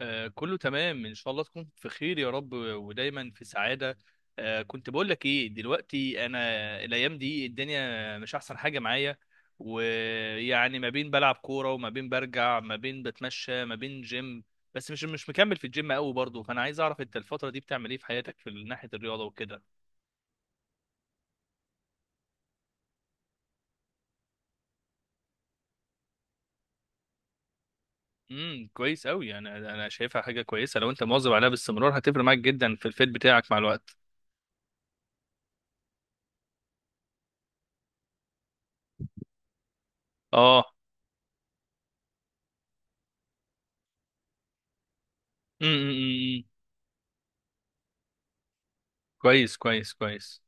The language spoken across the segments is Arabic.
آه، كله تمام، ان شاء الله تكون في خير يا رب ودايما في سعاده. آه كنت بقول لك ايه دلوقتي، انا الايام دي الدنيا مش احسن حاجه معايا، ويعني ما بين بلعب كوره وما بين برجع ما بين بتمشى ما بين جيم. بس مش مكمل في الجيم قوي برضه، فانا عايز اعرف انت الفتره دي بتعمل ايه في حياتك في ناحيه الرياضه وكده. كويس قوي، انا شايفها حاجه كويسه، لو انت مواظب عليها باستمرار هتفرق معاك جدا في الفيت بتاعك مع الوقت. اه. أمم، أمم. إمم. كويس كويس كويس.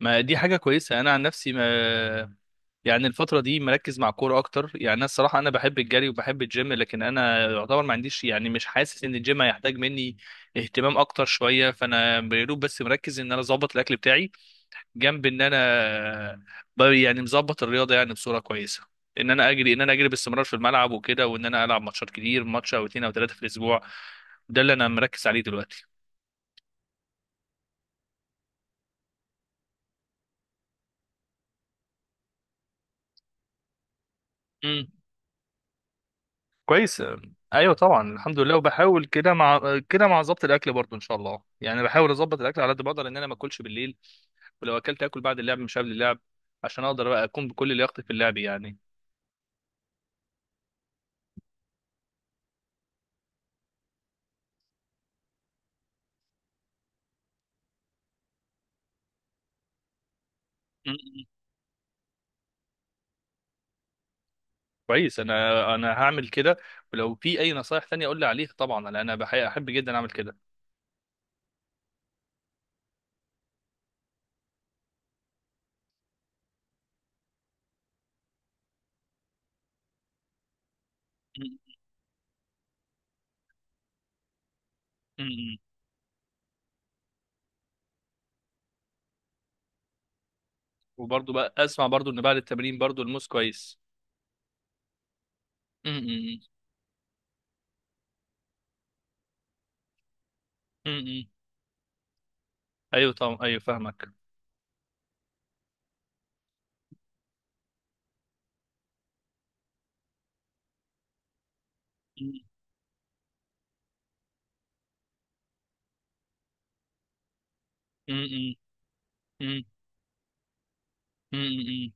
ما دي حاجة كويسة. أنا عن نفسي ما يعني الفترة دي مركز مع الكورة أكتر. يعني أنا الصراحة أنا بحب الجري وبحب الجيم، لكن أنا يعتبر ما عنديش، يعني مش حاسس إن الجيم هيحتاج مني اهتمام أكتر شوية، فأنا بيروب بس مركز إن أنا أظبط الأكل بتاعي، جنب إن أنا يعني مظبط الرياضة يعني بصورة كويسة، إن أنا أجري، باستمرار في الملعب وكده، وإن أنا ألعب ماتشات كتير، ماتش أو اتنين أو تلاتة في الأسبوع. ده اللي أنا مركز عليه دلوقتي. كويس. ايوه طبعا، الحمد لله، وبحاول كده مع كده مع ظبط الاكل برضو ان شاء الله. يعني بحاول اظبط الاكل على قد ما اقدر، ان انا ما اكلش بالليل، ولو اكلت، اكل بعد اللعب مش قبل اللعب، عشان اقدر بقى اكون بكل لياقتي في اللعب يعني. م- م. كويس، انا هعمل كده. ولو في اي نصايح تانية قول لي عليها طبعا، لأن انا احب جدا اعمل كده. م- م. وبرضو بقى اسمع برضو ان بعد التمرين برضو الموز كويس. م- م. م- م. ايوه طبعا، ايوه فاهمك. م- م. م- م. م- م.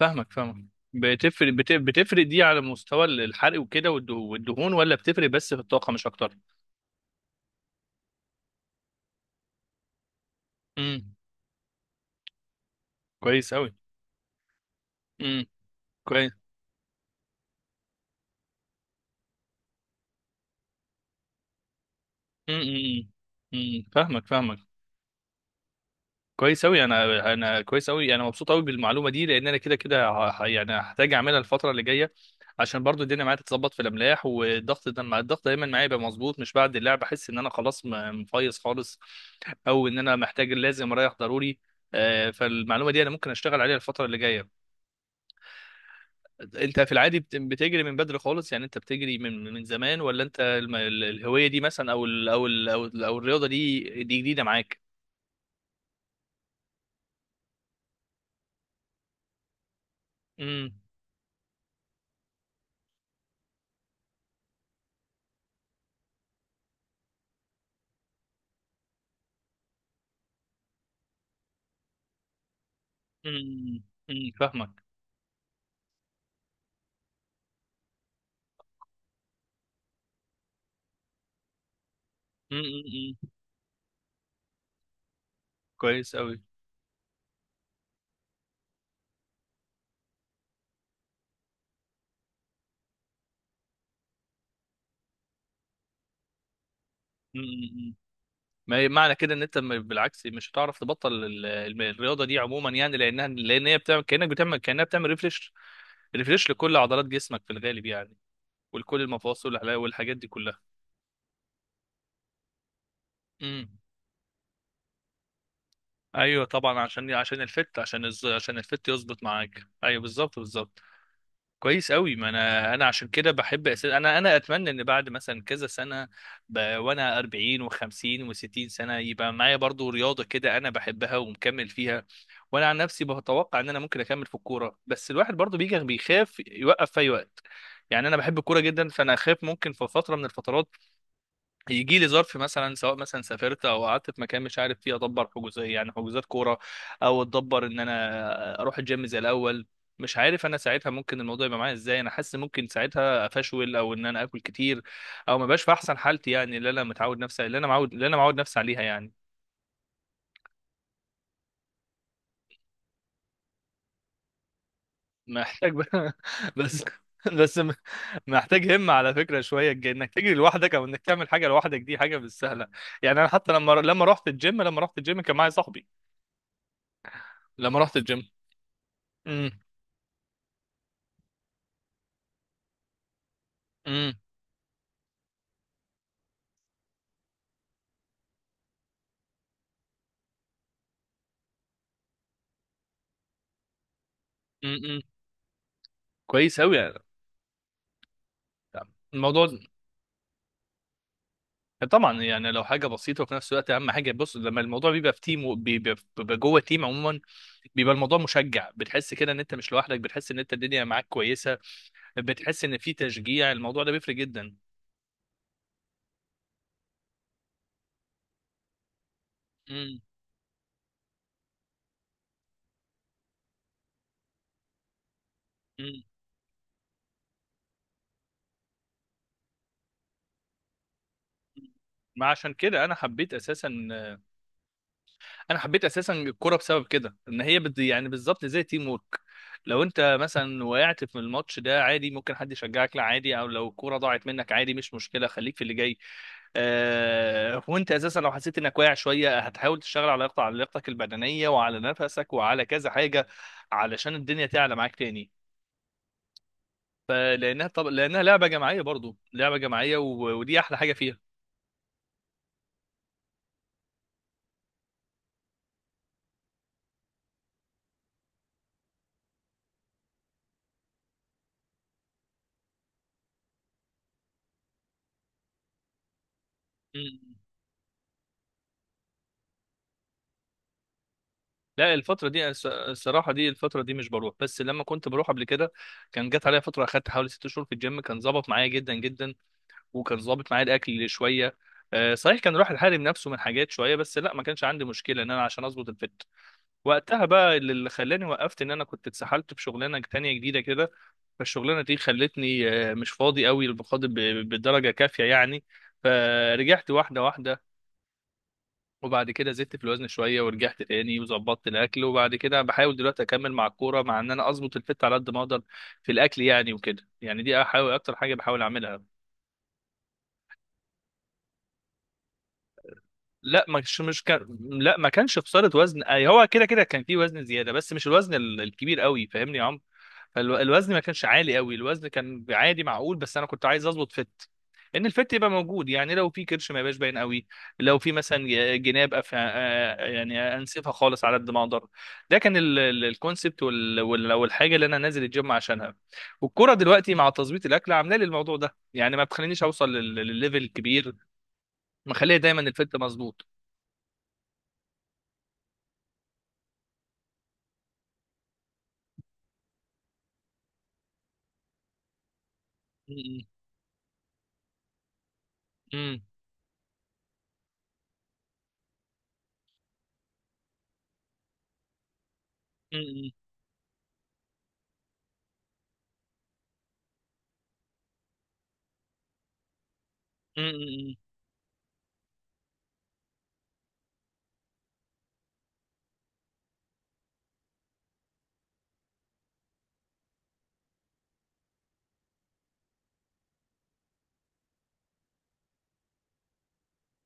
فاهمك فاهمك. بتفرق دي على مستوى الحرق وكده والدهون، ولا بتفرق بس في الطاقة مش أكتر؟ امم، كويس أوي. امم، كويس. امم. امم. امم. امم. فاهمك فاهمك. كويس أوي، أنا كويس أوي، أنا مبسوط أوي بالمعلومة دي، لأن أنا كده يعني هحتاج أعملها الفترة اللي جاية، عشان برضو الدنيا معايا تتظبط في الأملاح والضغط، ده مع الضغط دايما معايا يبقى مظبوط، مش بعد اللعب أحس إن أنا خلاص مفيص خالص، أو إن أنا محتاج لازم أريح ضروري. آه، فالمعلومة دي أنا ممكن أشتغل عليها الفترة اللي جاية. انت في العادي بتجري من بدري خالص يعني، انت بتجري من زمان، ولا انت الهوية دي مثلا، او ال او ال او, ال أو الرياضة دي جديدة معاك؟ امم. امم. امم، فاهمك. امم. امم. امم. كويس قوي. امم. ما معنى كده ان انت بالعكس مش هتعرف تبطل الرياضة دي عموما يعني، لان هي بتعمل كانك بتعمل، كانها بتعمل ريفريش، ريفريش لكل عضلات جسمك في الغالب يعني، ولكل المفاصل والحاجات دي كلها. امم. ايوه طبعا، عشان الفت، عشان الفت يظبط معاك، ايوه بالظبط بالظبط. كويس قوي، ما انا عشان كده بحب انا اتمنى ان بعد مثلا كذا سنه، وانا 40 و50 و60 سنه يبقى معايا برضو رياضه كده انا بحبها ومكمل فيها. وانا عن نفسي بتوقع ان انا ممكن اكمل في الكوره، بس الواحد برضو بيجي بيخاف يوقف في اي وقت. يعني انا بحب الكوره جدا، فانا اخاف ممكن في فتره من الفترات يجي لي ظرف مثلا، سواء مثلا سافرت او قعدت في مكان مش عارف فيه ادبر حجوزات، يعني حجوزات كوره، او اتدبر ان انا اروح الجيم زي الاول. مش عارف انا ساعتها ممكن الموضوع يبقى معايا ازاي، انا حاسس ممكن ساعتها افشول، او ان انا اكل كتير، او ما بقاش في احسن حالتي يعني، اللي انا متعود نفسي، اللي انا معود نفسي عليها يعني. محتاج بقى بس. بس م- محتاج همة على فكرة شوية، انك تجري لوحدك او انك تعمل حاجة لوحدك دي حاجة مش سهلة. يعني انا حتى لما رحت الجيم، لما رحت الجيم كان معايا صاحبي لما رحت الجيم. امم. امم، كويس قوي يعني الموضوع. طبعا يعني لو حاجه بسيطه وفي نفس الوقت، اهم حاجه بص، لما الموضوع بيبقى في تيم، وبيبقى جوه تيم عموما، بيبقى الموضوع مشجع، بتحس كده ان انت مش لوحدك، بتحس ان انت الدنيا معاك كويسه، بتحس ان في تشجيع، الموضوع ده بيفرق جدا. امم. امم. ما عشان كده انا حبيت اساسا، انا حبيت اساسا الكوره بسبب كده، ان هي يعني بالظبط زي تيم وورك. لو انت مثلا وقعت في الماتش ده عادي، ممكن حد يشجعك، لا عادي، او لو الكوره ضاعت منك عادي مش مشكله، خليك في اللي جاي. وانت اساسا لو حسيت انك واقع شويه، هتحاول تشتغل على لياقتك، على لياقتك البدنيه وعلى نفسك وعلى كذا حاجه، علشان الدنيا تعلى معاك تاني. فلانها طب لانها لعبه جماعيه، برضو لعبه جماعيه، ودي احلى حاجه فيها. لا الفترة دي الصراحة دي الفترة دي مش بروح، بس لما كنت بروح قبل كده، كان جت عليا فترة أخدت حوالي ست شهور في الجيم، كان ظابط معايا جدا جدا، وكان ظابط معايا الأكل شوية. آه، صحيح كان راح الحارم نفسه من حاجات شوية، بس لا ما كانش عندي مشكلة إن أنا عشان أظبط الفت وقتها بقى. اللي خلاني وقفت إن أنا كنت اتسحلت في شغلانة تانية جديدة كده، فالشغلانة دي خلتني آه، مش فاضي قوي بقدر، بدرجة كافية يعني، فرجعت واحدة واحدة، وبعد كده زدت في الوزن شويه، ورجعت تاني وظبطت الاكل، وبعد كده بحاول دلوقتي اكمل مع الكوره، مع ان انا اظبط الفت على قد ما اقدر في الاكل يعني وكده. يعني دي احاول اكتر حاجه بحاول اعملها. لا مش مش كان لا ما كانش خساره وزن، اي هو كده كده كان في وزن زياده، بس مش الوزن الكبير قوي فاهمني يا عمرو. فالوزن ما كانش عالي قوي، الوزن كان عادي معقول، بس انا كنت عايز اظبط فت، ان الفت يبقى موجود يعني، لو في كرش ما يبقاش باين قوي، لو في مثلا جناب آه، يعني انسفها خالص على قد ما اقدر. ده كان الكونسبت والحاجه اللي انا نازل الجيم عشانها، والكوره دلوقتي مع تظبيط الاكل عامله لي الموضوع ده، يعني ما بتخلينيش اوصل للليفل الكبير، مخليه دايما الفت مظبوط. م. م. م. م. م. م.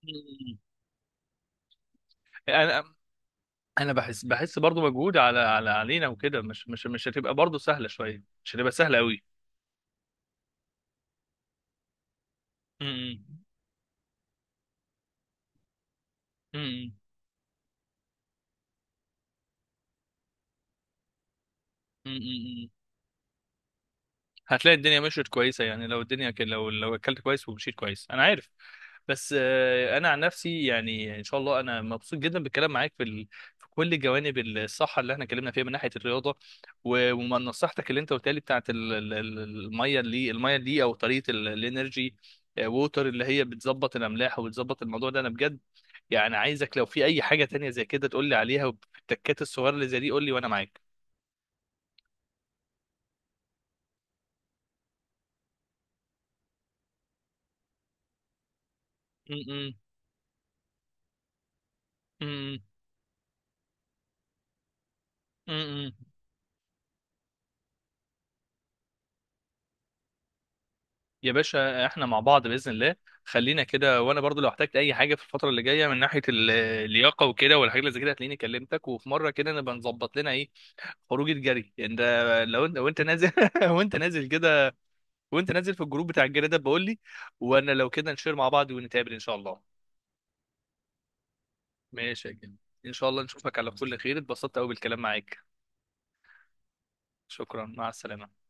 م. م. م. انا بحس، بحس برضو مجهود على علينا وكده، مش مش هتبقى برضو سهله شويه، مش هتبقى سهله قوي. امم. هتلاقي الدنيا مشيت كويسه يعني، لو الدنيا لو اكلت كويس ومشيت كويس انا عارف. بس آه، انا عن نفسي يعني ان شاء الله انا مبسوط جدا بالكلام معاك في كل جوانب الصحه اللي احنا اتكلمنا فيها من ناحيه الرياضه، ومن نصيحتك اللي انت قلتها لي بتاعت الميه، اللي الميه دي او طريقه الانرجي، آه، ووتر، اللي هي بتظبط الاملاح وبتظبط الموضوع ده، انا بجد يعني عايزك لو في اي حاجه تانية زي كده تقول لي عليها، والتكات الصغيره اللي زي دي قول لي وانا معاك. م. م. م. م. م. يا باشا احنا مع بعض باذن الله، خلينا كده. وانا برضو لو احتجت اي حاجه في الفتره اللي جايه من ناحيه اللياقه وكده والحاجات اللي زي كده هتلاقيني كلمتك، وفي مره كده نبقى نظبط لنا ايه، خروجه جري. انت لو انت وانت نازل وانت نازل كده، وانت نازل في الجروب بتاع الجري ده بقول لي، وانا لو كده نشير مع بعض ونتقابل ان شاء الله. ماشي يا جميل، ان شاء الله نشوفك على كل خير، اتبسطت قوي بالكلام معاك. شكرا مع السلامه.